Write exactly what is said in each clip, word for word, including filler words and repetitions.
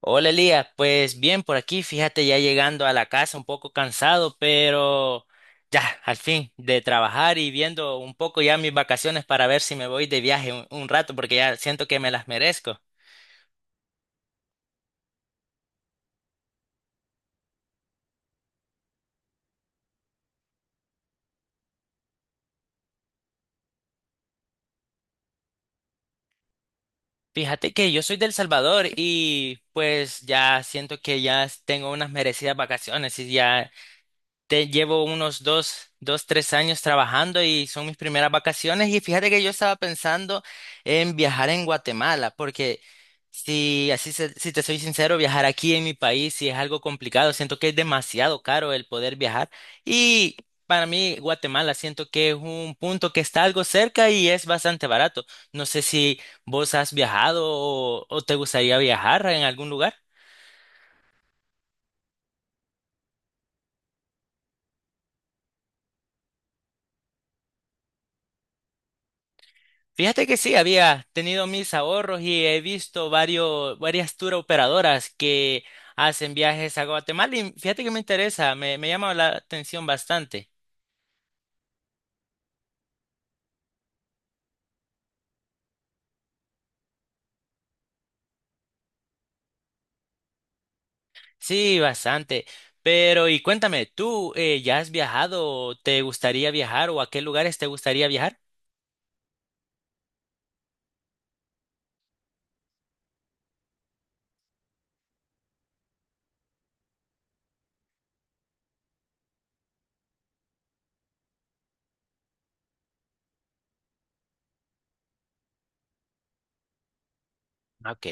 Hola Elías, pues bien por aquí, fíjate ya llegando a la casa un poco cansado, pero ya al fin de trabajar y viendo un poco ya mis vacaciones para ver si me voy de viaje un, un rato porque ya siento que me las merezco. Fíjate que yo soy del Salvador y pues ya siento que ya tengo unas merecidas vacaciones y ya te llevo unos dos, dos, tres años trabajando y son mis primeras vacaciones. Y fíjate que yo estaba pensando en viajar en Guatemala, porque si así se- si te soy sincero, viajar aquí en mi país sí es algo complicado. Siento que es demasiado caro el poder viajar. Y para mí, Guatemala siento que es un punto que está algo cerca y es bastante barato. No sé si vos has viajado o o te gustaría viajar en algún lugar. Fíjate que sí, había tenido mis ahorros y he visto varios, varias tour operadoras que hacen viajes a Guatemala y fíjate que me interesa, me, me llama la atención bastante. Sí, bastante. Pero y cuéntame, ¿tú eh, ya has viajado? ¿Te gustaría viajar o a qué lugares te gustaría viajar? Ok.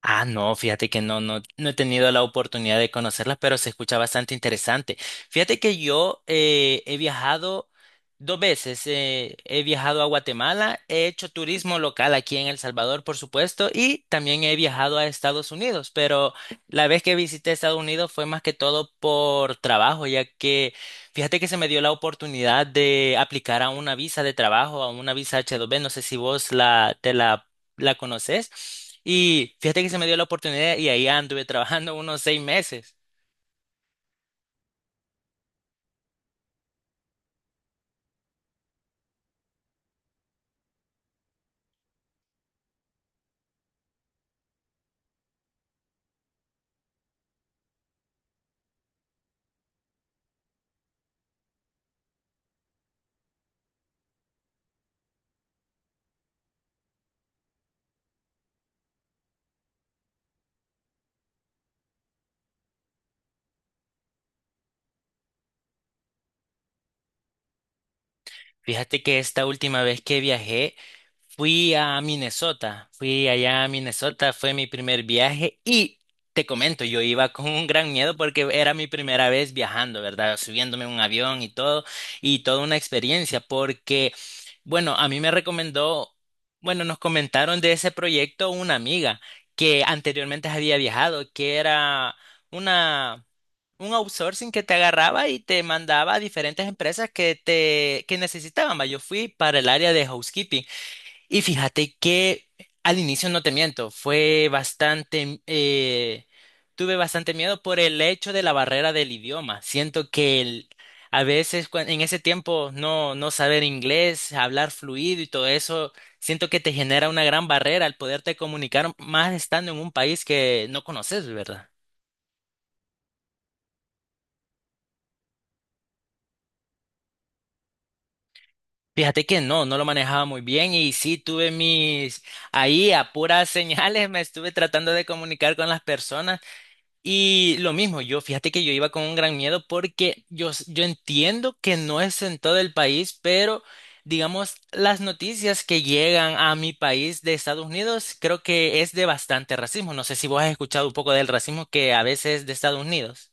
Ah, no, fíjate que no, no, no he tenido la oportunidad de conocerlas, pero se escucha bastante interesante. Fíjate que yo eh, he viajado dos veces, eh, he viajado a Guatemala, he hecho turismo local aquí en El Salvador, por supuesto, y también he viajado a Estados Unidos, pero la vez que visité Estados Unidos fue más que todo por trabajo, ya que fíjate que se me dio la oportunidad de aplicar a una visa de trabajo, a una visa h dos b, no sé si vos la, te la la conoces. Y fíjate que se me dio la oportunidad y ahí anduve trabajando unos seis meses. Fíjate que esta última vez que viajé fui a Minnesota, fui allá a Minnesota, fue mi primer viaje y te comento, yo iba con un gran miedo porque era mi primera vez viajando, ¿verdad? Subiéndome a un avión y todo, y toda una experiencia porque, bueno, a mí me recomendó, bueno, nos comentaron de ese proyecto una amiga que anteriormente había viajado, que era una... un outsourcing que te agarraba y te mandaba a diferentes empresas que te que necesitaban. Va. Yo fui para el área de housekeeping y fíjate que al inicio no te miento, fue bastante eh, tuve bastante miedo por el hecho de la barrera del idioma. Siento que el- a veces cua- en ese tiempo no no saber inglés, hablar fluido y todo eso, siento que te genera una gran barrera al poderte comunicar más estando en un país que no conoces, ¿verdad? Fíjate que no, no lo manejaba muy bien y sí tuve mis, ahí a puras señales me estuve tratando de comunicar con las personas y lo mismo, yo fíjate que yo iba con un gran miedo porque yo, s- yo entiendo que no es en todo el país, pero digamos las noticias que llegan a mi país de Estados Unidos creo que es de bastante racismo. No sé si vos has escuchado un poco del racismo que a veces es de Estados Unidos.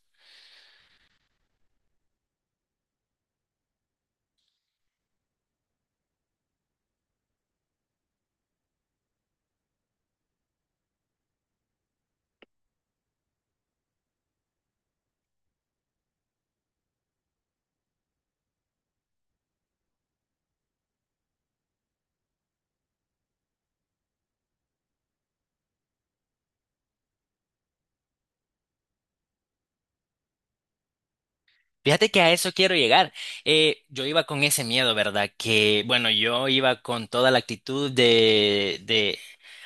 Fíjate que a eso quiero llegar. Eh, yo iba con ese miedo, ¿verdad? Que, bueno, yo iba con toda la actitud de, de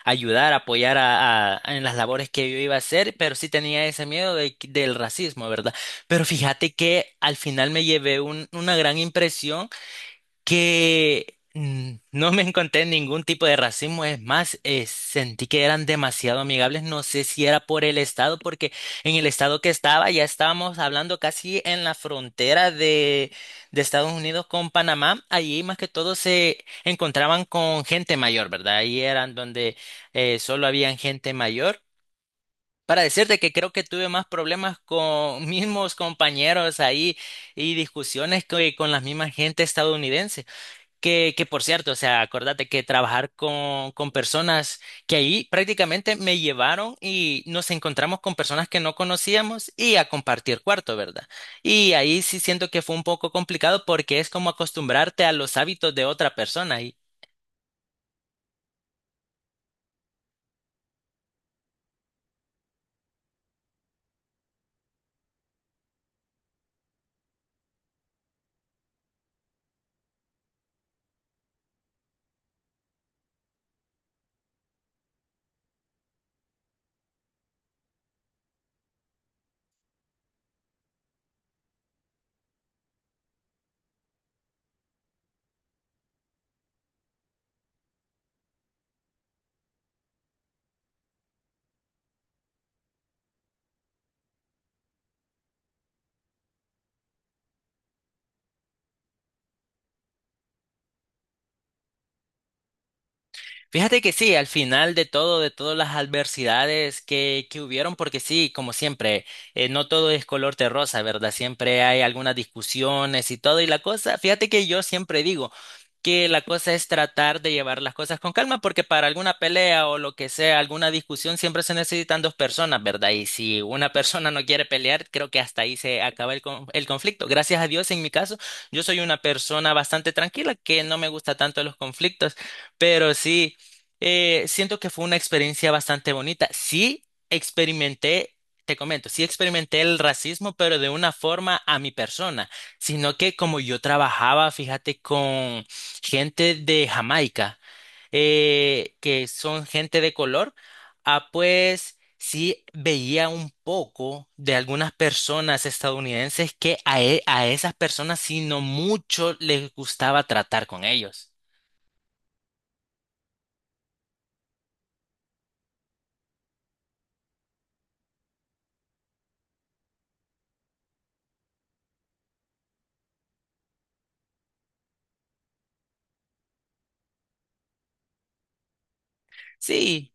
ayudar, apoyar a, a- en las labores que yo iba a hacer, pero sí tenía ese miedo de- del racismo, ¿verdad? Pero fíjate que al final me llevé un- una gran impresión que mm, no me encontré ningún tipo de racismo, es más, eh, sentí que eran demasiado amigables, no sé si era por el estado, porque en el estado que estaba ya estábamos hablando casi en la frontera de, de Estados Unidos con Panamá, allí más que todo se encontraban con gente mayor, ¿verdad? Ahí eran donde eh, solo habían gente mayor. Para decirte que creo que tuve más problemas con mismos compañeros ahí y discusiones que con la misma gente estadounidense. Que, que por cierto, o sea, acuérdate que trabajar con, con personas que ahí prácticamente me llevaron y nos encontramos con personas que no conocíamos y a compartir cuarto, ¿verdad? Y ahí sí siento que fue un poco complicado porque es como acostumbrarte a los hábitos de otra persona. Fíjate que sí, al final de todo, de todas las adversidades que, que hubieron, porque sí, como siempre, eh, no todo es color de rosa, ¿verdad? Siempre hay algunas discusiones y todo, y la cosa, fíjate que yo siempre digo que la cosa es tratar de llevar las cosas con calma, porque para alguna pelea o lo que sea, alguna discusión, siempre se necesitan dos personas, ¿verdad? Y si una persona no quiere pelear, creo que hasta ahí se acaba el, con- el conflicto. Gracias a Dios, en mi caso, yo soy una persona bastante tranquila, que no me gusta tanto los conflictos, pero sí. Eh, siento que fue una experiencia bastante bonita. Sí experimenté, te comento, sí experimenté el racismo, pero de una forma a mi persona, sino que como yo trabajaba, fíjate, con gente de Jamaica, eh, que son gente de color, ah, pues sí veía un poco de algunas personas estadounidenses que a, e- a esas personas, sino mucho les gustaba tratar con ellos. Sí.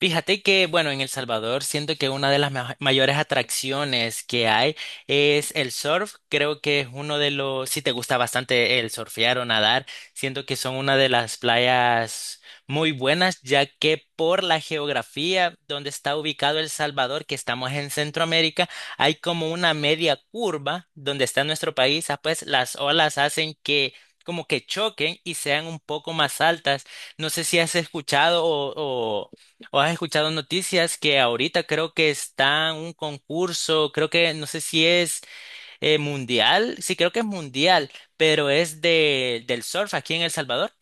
Fíjate que, bueno, en El Salvador siento que una de las ma- mayores atracciones que hay es el surf. Creo que es uno de los, si te gusta bastante el surfear o nadar, siento que son una de las playas muy buenas, ya que por la geografía donde está ubicado El Salvador, que estamos en Centroamérica, hay como una media curva donde está nuestro país, ah, pues las olas hacen que como que choquen y sean un poco más altas. No sé si has escuchado o, ¿O has escuchado noticias que ahorita creo que está un concurso, creo que no sé si es eh, mundial, sí creo que es mundial, pero es de, del surf aquí en El Salvador?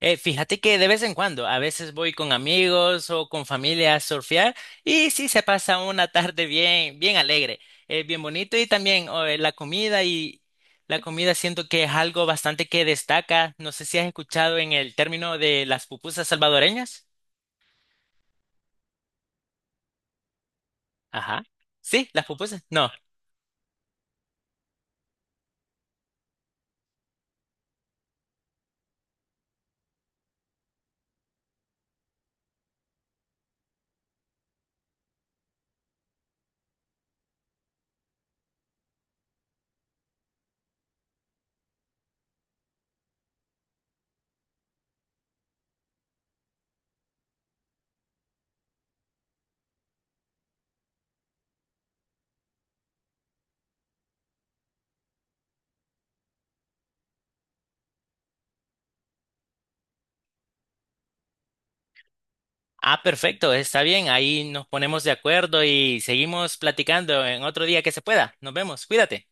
Eh, fíjate que de vez en cuando, a veces voy con amigos o con familia a surfear y sí se pasa una tarde bien, bien alegre, eh, bien bonito y también oh, eh, la comida y la comida siento que es algo bastante que destaca. No sé si has escuchado en el término de las pupusas salvadoreñas. Ajá. Sí, las pupusas. No. Ah, perfecto, está bien. Ahí nos ponemos de acuerdo y seguimos platicando en otro día que se pueda. Nos vemos. Cuídate.